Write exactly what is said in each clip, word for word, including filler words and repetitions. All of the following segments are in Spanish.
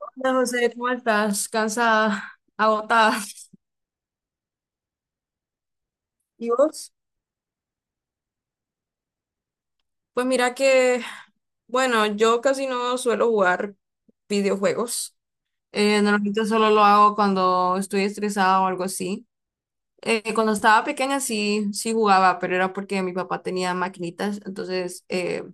Hola José, ¿cómo estás? Cansada, agotada. ¿Y vos? Pues mira que, bueno, yo casi no suelo jugar videojuegos. Eh, normalmente solo lo hago cuando estoy estresada o algo así. Eh, cuando estaba pequeña sí, sí jugaba, pero era porque mi papá tenía maquinitas, entonces eh,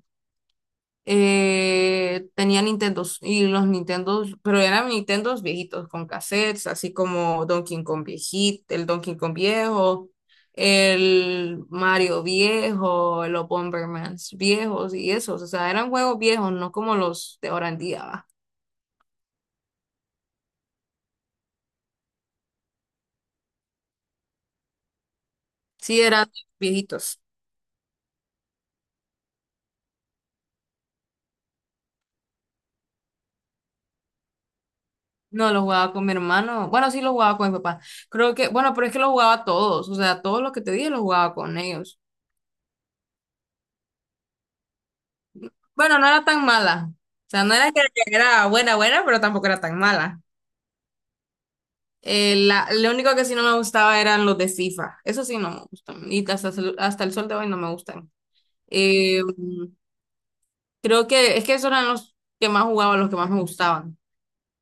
eh, tenía Nintendos y los Nintendos, pero eran Nintendos viejitos con cassettes, así como Donkey Kong viejito, el Donkey Kong viejo, el Mario viejo, los Bombermans viejos y esos, o sea, eran juegos viejos, no como los de ahora en día, ¿va? Sí, eran viejitos. No, los jugaba con mi hermano. Bueno, sí, los jugaba con mi papá. Creo que, bueno, pero es que los jugaba todos. O sea, todos los que te dije los jugaba con ellos. Bueno, no era tan mala. O sea, no era que era buena, buena, pero tampoco era tan mala. Eh, la, lo único que sí no me gustaba eran los de Sifa. Eso sí no me gustan. Y hasta, el- hasta el sol de hoy no me gustan. Eh, Creo que es que esos eran los que más jugaba, los que más me gustaban.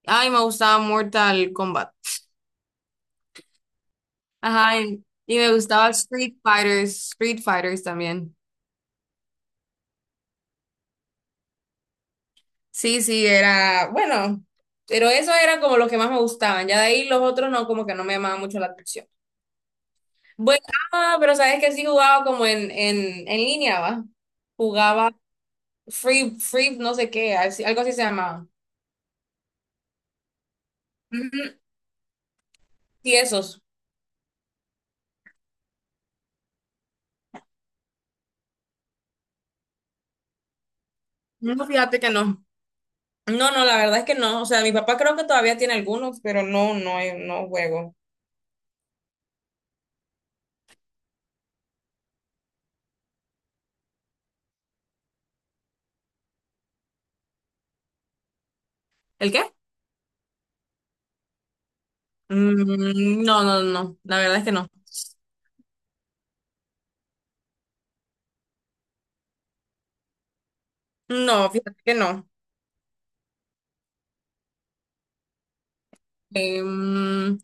Ay, me gustaba Mortal Kombat. Ajá, y, y me gustaba Street Fighters, Street Fighters también. Sí, sí, era, bueno, pero esos eran como los que más me gustaban. Ya de ahí los otros no, como que no me llamaban mucho la atención. Bueno, ah, pero sabes que sí jugaba como en, en, en línea, ¿va? Jugaba Free, Free, no sé qué, así- algo así se llamaba. Ujú. Sí, esos. No, fíjate que no. No, no, la verdad es que no. O sea, mi papá creo que todavía tiene algunos, pero no, no, no juego. ¿El qué? Mm, no, no, no, la verdad es que no. No, fíjate que no. Em,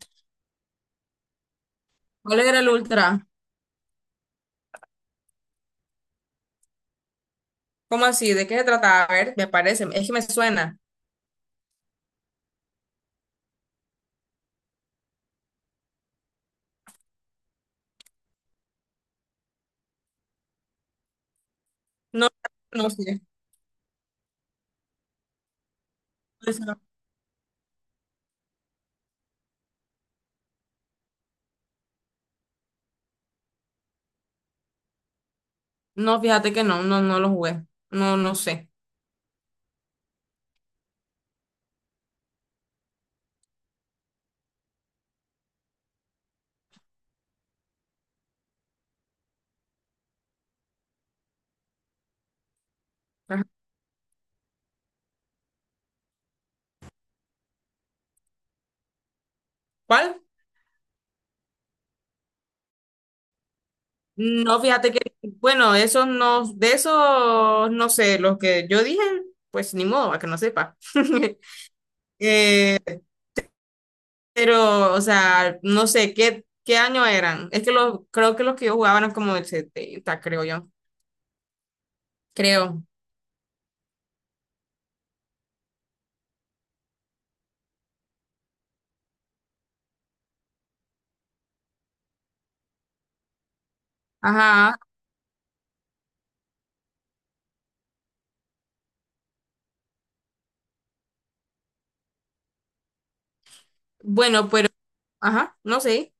¿Cuál era el ultra? ¿Cómo así? ¿De qué se trataba? A ver, me parece, es que me suena. No, no sé. No, fíjate que no, no, no lo jugué. No, no sé. Ajá. ¿Cuál? No, fíjate que, bueno, esos no, de esos, no sé, los que yo dije, pues ni modo, a que no sepa. Eh, pero, o sea, no sé, ¿qué, qué año eran? Es que los, creo que los que yo jugaba eran como del setenta creo yo. Creo. Ajá. Bueno, pero, ajá, no sé.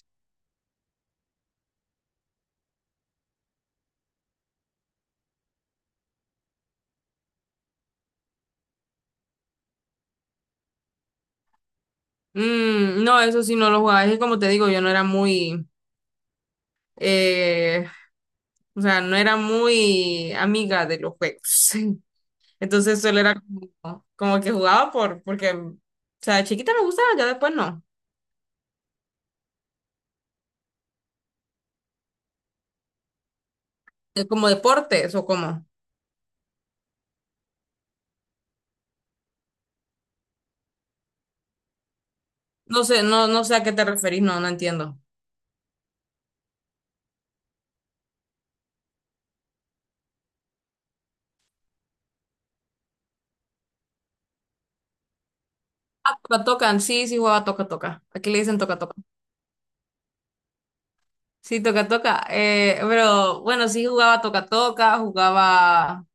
Mm, no, eso sí no lo jugaba. Es que como te digo, yo no era muy, eh, o sea, no era muy amiga de los juegos. Entonces solo era como, como que jugaba por, porque, o sea, de chiquita me gustaba, ya después no. Eh, ¿Como deportes o como? No sé, no, no sé a qué te referís, no, no entiendo. Ah, toca, tocan, sí, sí jugaba toca, toca. Aquí le dicen toca, toca. Sí, toca, toca. Eh, pero bueno, sí jugaba toca, toca, jugaba.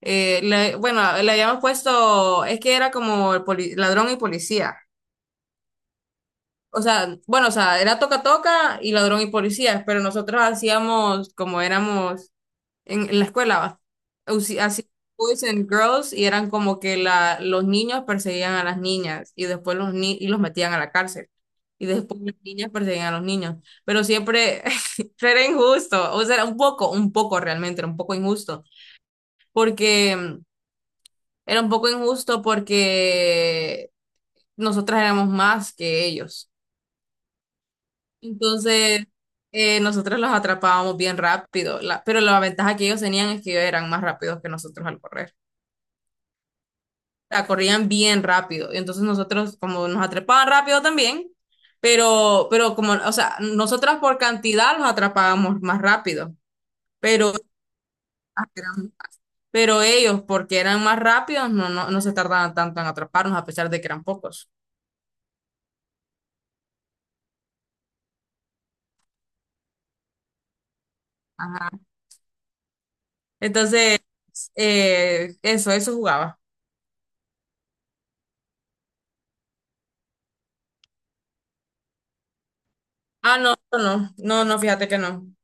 eh, le- Bueno, le habíamos puesto, es que era como el poli- ladrón y policía. O sea, bueno, o sea, era toca toca y ladrón y policías, pero nosotros hacíamos como éramos en, en la escuela, va, usi- hacíamos boys and girls y eran como que la, los niños perseguían a las niñas y después los ni y los metían a la cárcel. Y después las niñas perseguían a los niños. Pero siempre era injusto, o sea, era un poco, un poco realmente, era un poco injusto, porque mm, era un poco injusto porque nosotras éramos más que ellos. Entonces, eh, nosotros los atrapábamos bien rápido, la- pero la ventaja que ellos tenían es que ellos eran más rápidos que nosotros al correr. La corrían bien rápido. Y entonces nosotros, como nos atrapaban rápido también, pero, pero como, o sea, nosotras por cantidad los atrapábamos más rápido, pero, pero ellos, porque eran más rápidos, no, no, no se tardaban tanto en atraparnos, a pesar de que eran pocos. Ajá. Entonces, eh, eso, eso jugaba. Ah, no, no, no, no, no, fíjate que no.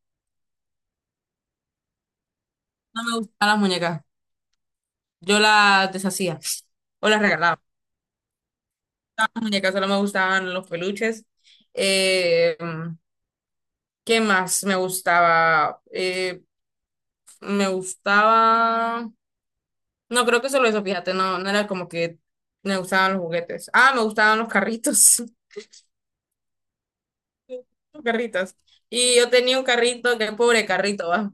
No me gustaban las muñecas. Yo las deshacía o las regalaba. Las muñecas solo me gustaban los peluches. Eh, ¿Qué más me gustaba? Eh, me gustaba. No, creo que solo eso, fíjate, no, no era como que me gustaban los juguetes. Ah, me gustaban los carritos. Los carritos. Y yo tenía un carrito, qué pobre carrito, va.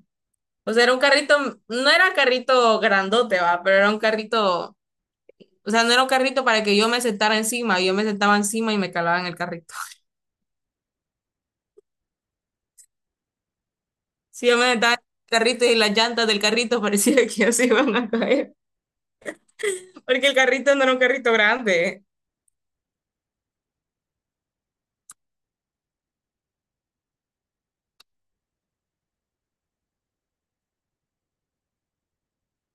O sea, era un carrito, no era carrito grandote, va, pero era un carrito. O sea, no era un carrito para que yo me sentara encima, yo me sentaba encima y me calaba en el carrito. Sí, yo me estaba en el carrito y las llantas del carrito parecía que así iban a caer, porque el carrito no era un carrito grande.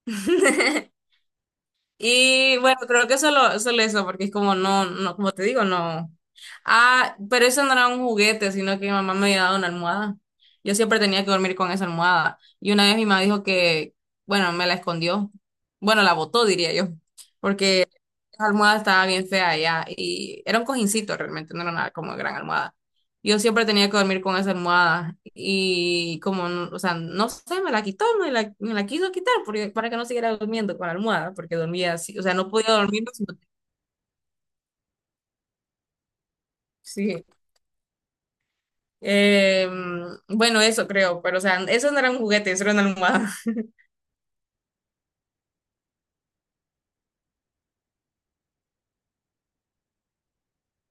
Y bueno, creo que solo, solo eso, porque es como no, no, como te digo, no. Ah, pero eso no era un juguete, sino que mi mamá me había dado una almohada. Yo siempre tenía que dormir con esa almohada. Y una vez mi mamá dijo que, bueno, me la escondió. Bueno, la botó, diría yo, porque la almohada estaba bien fea ya y era un cojincito realmente, no era nada como gran almohada. Yo siempre tenía que dormir con esa almohada y como, no- o sea, no sé, me la quitó, me la, me la quiso quitar porque, para que no siguiera durmiendo con la almohada, porque dormía así, o sea, no podía dormir, si no- Sí. Eh, bueno, eso creo, pero o sea, eso no era un juguete, eso era una almohada.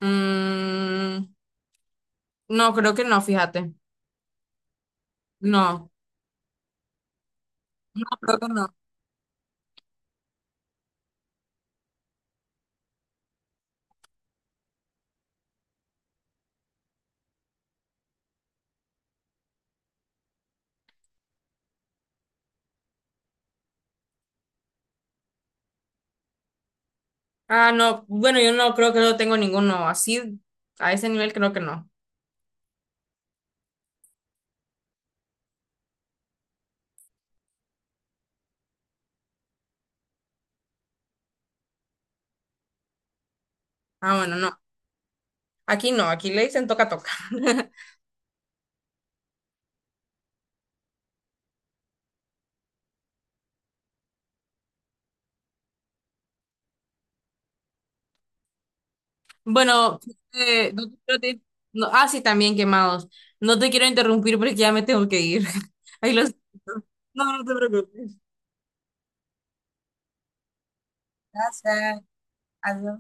Mm, no, creo que no, fíjate. No, no, creo que no. Ah, no, bueno, yo no creo que no tengo ninguno así, a ese nivel creo que no. Ah, bueno, no. Aquí no, aquí le dicen toca toca. Bueno, eh, no te quiero te- no- ah, sí, también quemados. No te quiero interrumpir porque ya me tengo que ir. Ahí los... No, no te preocupes. Gracias. Adiós.